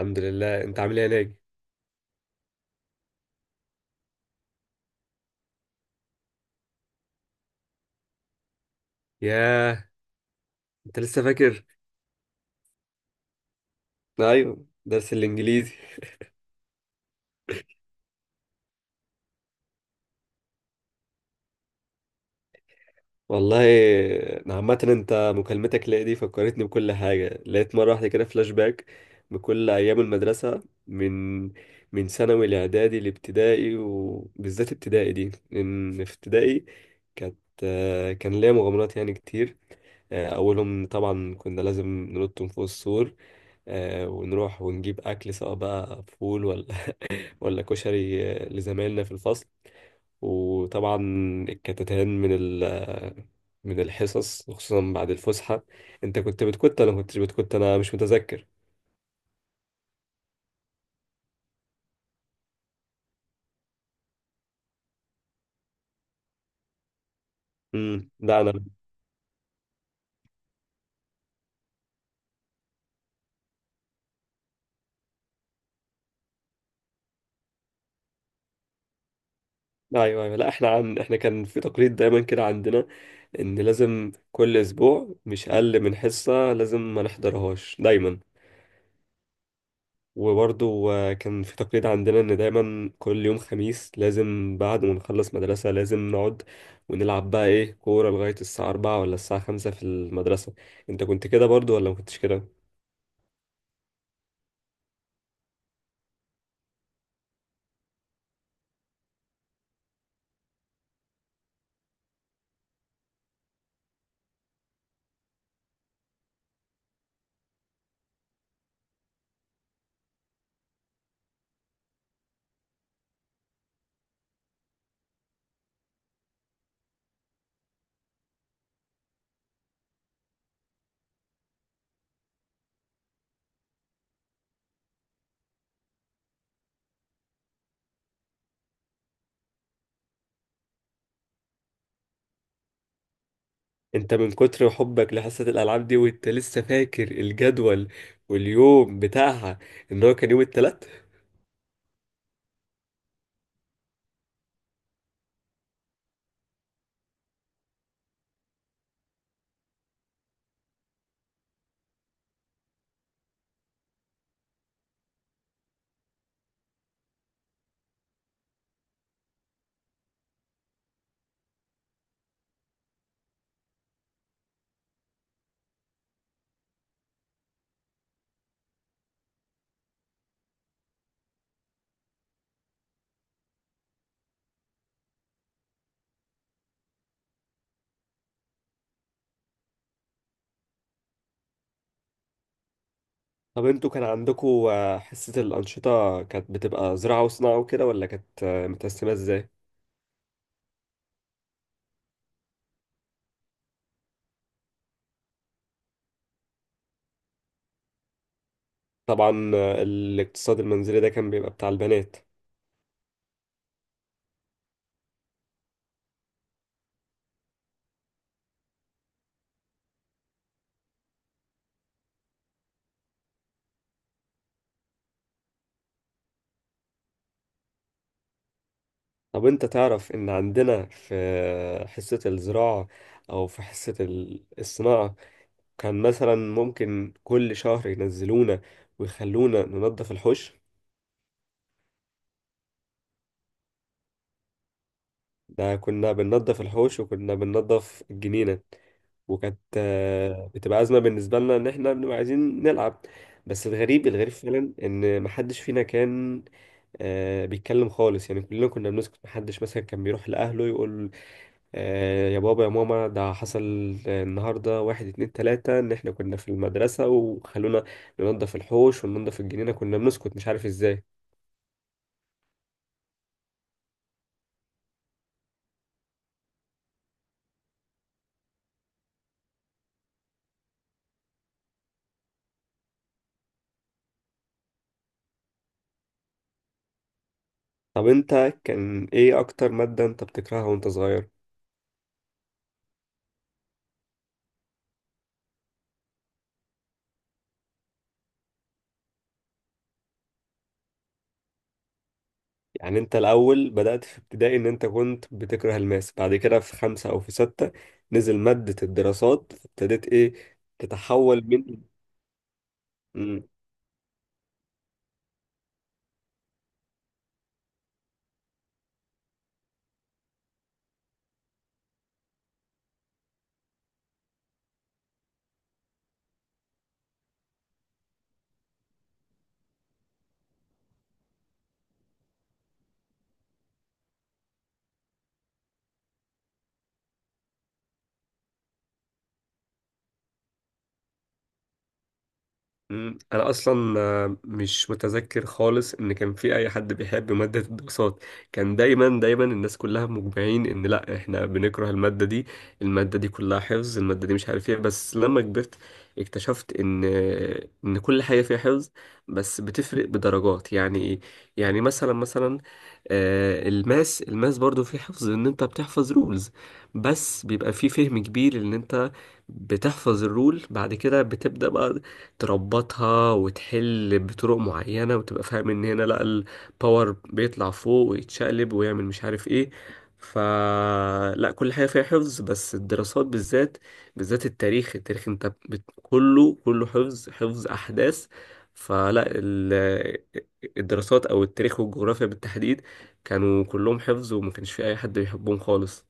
الحمد لله، انت عامل ايه يا ناجي؟ ياه، انت لسه فاكر؟ ايوه، درس الانجليزي. والله انا عامه، انت مكالمتك ليا دي فكرتني بكل حاجه، لقيت مره واحده كده فلاش باك بكل ايام المدرسه، من ثانوي لاعدادي لابتدائي، وبالذات ابتدائي دي، لان في ابتدائي كانت كان ليا مغامرات يعني كتير. أولهم طبعا كنا لازم ننط من فوق السور. ونروح ونجيب أكل، سواء بقى فول ولا كشري، لزمايلنا في الفصل. وطبعا الكتتان من ال آه، من الحصص، خصوصا بعد الفسحة. انت كنت بتكت؟ انا ما كنتش بتكت، انا مش متذكر. لا انا. لا، ايوه ايوه، لا، احنا كان في تقليد دايما كده عندنا، ان لازم كل اسبوع مش اقل من حصة لازم ما نحضرهاش دايما. وبرضو كان في تقليد عندنا، إن دايما كل يوم خميس لازم بعد ما نخلص مدرسة لازم نقعد ونلعب بقى إيه كورة لغاية الساعة 4 ولا الساعة 5 في المدرسة. أنت كنت كده برضو ولا ما كنتش كده؟ أنت من كتر حبك لحصة الألعاب دي وأنت لسه فاكر الجدول واليوم بتاعها، إن هو كان يوم التلات؟ طب أنتوا كان عندكوا حصة الأنشطة، كانت بتبقى زراعة وصناعة وكده، ولا كانت متقسمة إزاي؟ طبعا الاقتصاد المنزلي ده كان بيبقى بتاع البنات. طب انت تعرف ان عندنا في حصة الزراعة او في حصة الصناعة، كان مثلا ممكن كل شهر ينزلونا ويخلونا ننظف الحوش. ده كنا بننظف الحوش وكنا بننظف الجنينة، وكانت بتبقى أزمة بالنسبة لنا ان احنا بنبقى عايزين نلعب. بس الغريب، الغريب فعلا، ان محدش فينا كان بيتكلم خالص، يعني كلنا كنا بنسكت، محدش مثلا كان بيروح لأهله يقول يا بابا يا ماما، ده حصل النهاردة واحد اتنين تلاتة، إن إحنا كنا في المدرسة وخلونا ننضف الحوش وننضف الجنينة. كنا بنسكت مش عارف إزاي. طب أنت كان إيه أكتر مادة أنت بتكرهها وأنت صغير؟ يعني أنت الأول بدأت في ابتدائي إن أنت كنت بتكره الماس، بعد كده في خمسة أو في ستة نزل مادة الدراسات، ابتديت إيه تتحول من... مم. مم. انا اصلا مش متذكر خالص ان كان في اي حد بيحب ماده الدراسات. كان دايما دايما الناس كلها مجمعين ان لا، احنا بنكره الماده دي، الماده دي كلها حفظ، الماده دي مش عارف ايه. بس لما كبرت اكتشفت ان كل حاجه فيها حفظ، بس بتفرق بدرجات. يعني ايه؟ يعني مثلا الماس برضو فيه حفظ، ان انت بتحفظ رولز، بس بيبقى فيه فهم كبير، ان انت بتحفظ الرول بعد كده بتبدأ بقى تربطها وتحل بطرق معينة وتبقى فاهم ان هنا لا الباور بيطلع فوق ويتشقلب ويعمل مش عارف ايه. فلا كل حاجة فيها حفظ، بس الدراسات بالذات، التاريخ. التاريخ كله كله حفظ، احداث. فلا الدراسات او التاريخ والجغرافيا بالتحديد، كانوا كلهم حفظ وما كانش في اي حد بيحبهم خالص.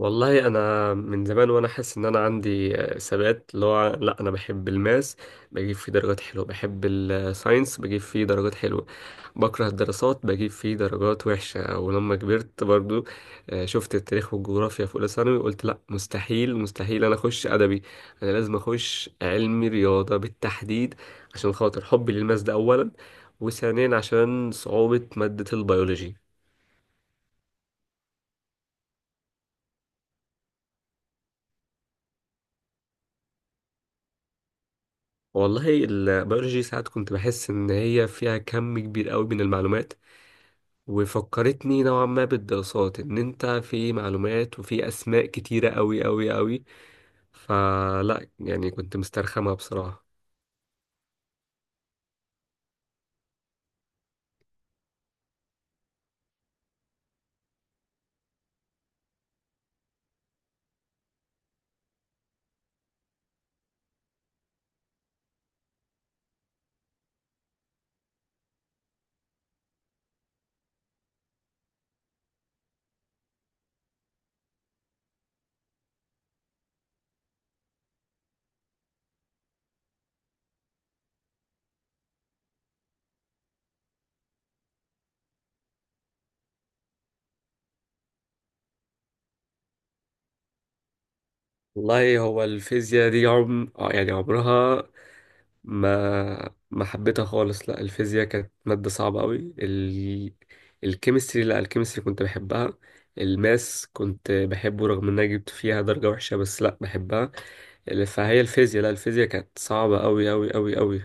والله انا من زمان وانا حاسس ان انا عندي ثبات، اللي هو لا انا بحب الماس بجيب فيه درجات حلوه، بحب الساينس بجيب فيه درجات حلوه، بكره الدراسات بجيب فيه درجات وحشه. ولما كبرت برضو شفت التاريخ والجغرافيا في اولى ثانوي قلت لا، مستحيل مستحيل انا اخش ادبي، انا لازم اخش علمي رياضه بالتحديد، عشان خاطر حبي للماس ده اولا، وثانيا عشان صعوبه ماده البيولوجي. والله البيولوجي ساعات كنت بحس إن هي فيها كم كبير قوي من المعلومات، وفكرتني نوعا ما بالدراسات، إن أنت في معلومات وفي أسماء كتيرة قوي قوي قوي. فلا يعني كنت مسترخمها بصراحة. والله هو الفيزياء دي عم آه يعني عمرها ما حبيتها خالص. لا الفيزياء كانت مادة صعبة قوي الكيمستري. لا، الكيمستري كنت بحبها، الماس كنت بحبه رغم ان انا جبت فيها درجة وحشة بس لا بحبها. فهي الفيزياء، لا الفيزياء كانت صعبة قوي قوي قوي قوي.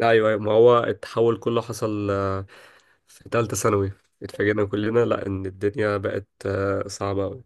لا، ايوه أيوة، ما هو التحول كله حصل في تالتة ثانوي اتفاجئنا كلنا، لا ان الدنيا بقت صعبة قوي.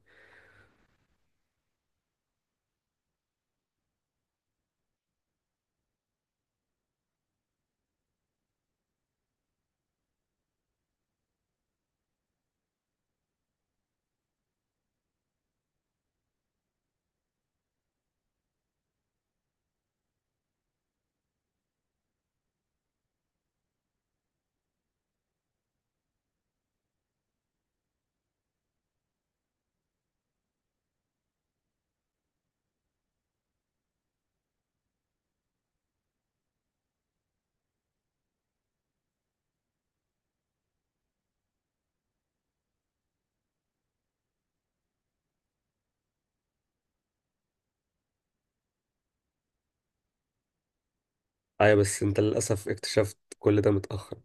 ايوه، بس انت للأسف اكتشفت كل ده متأخر.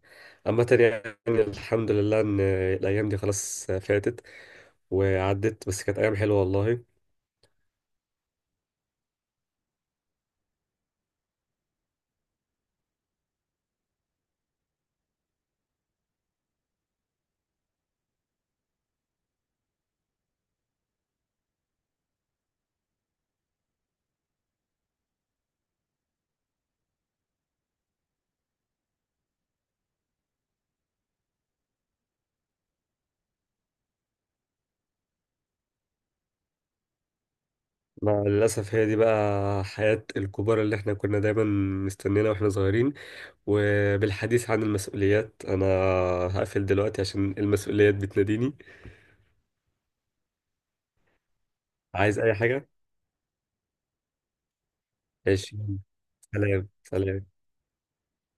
اما تاني يعني الحمد لله ان الايام دي خلاص فاتت وعدت، بس كانت أيام حلوة والله. مع الأسف هي دي بقى حياة الكبار اللي احنا كنا دايما مستنينا واحنا صغيرين. وبالحديث عن المسؤوليات، أنا هقفل دلوقتي عشان المسؤوليات بتناديني. عايز أي حاجة؟ ماشي. سلام سلام.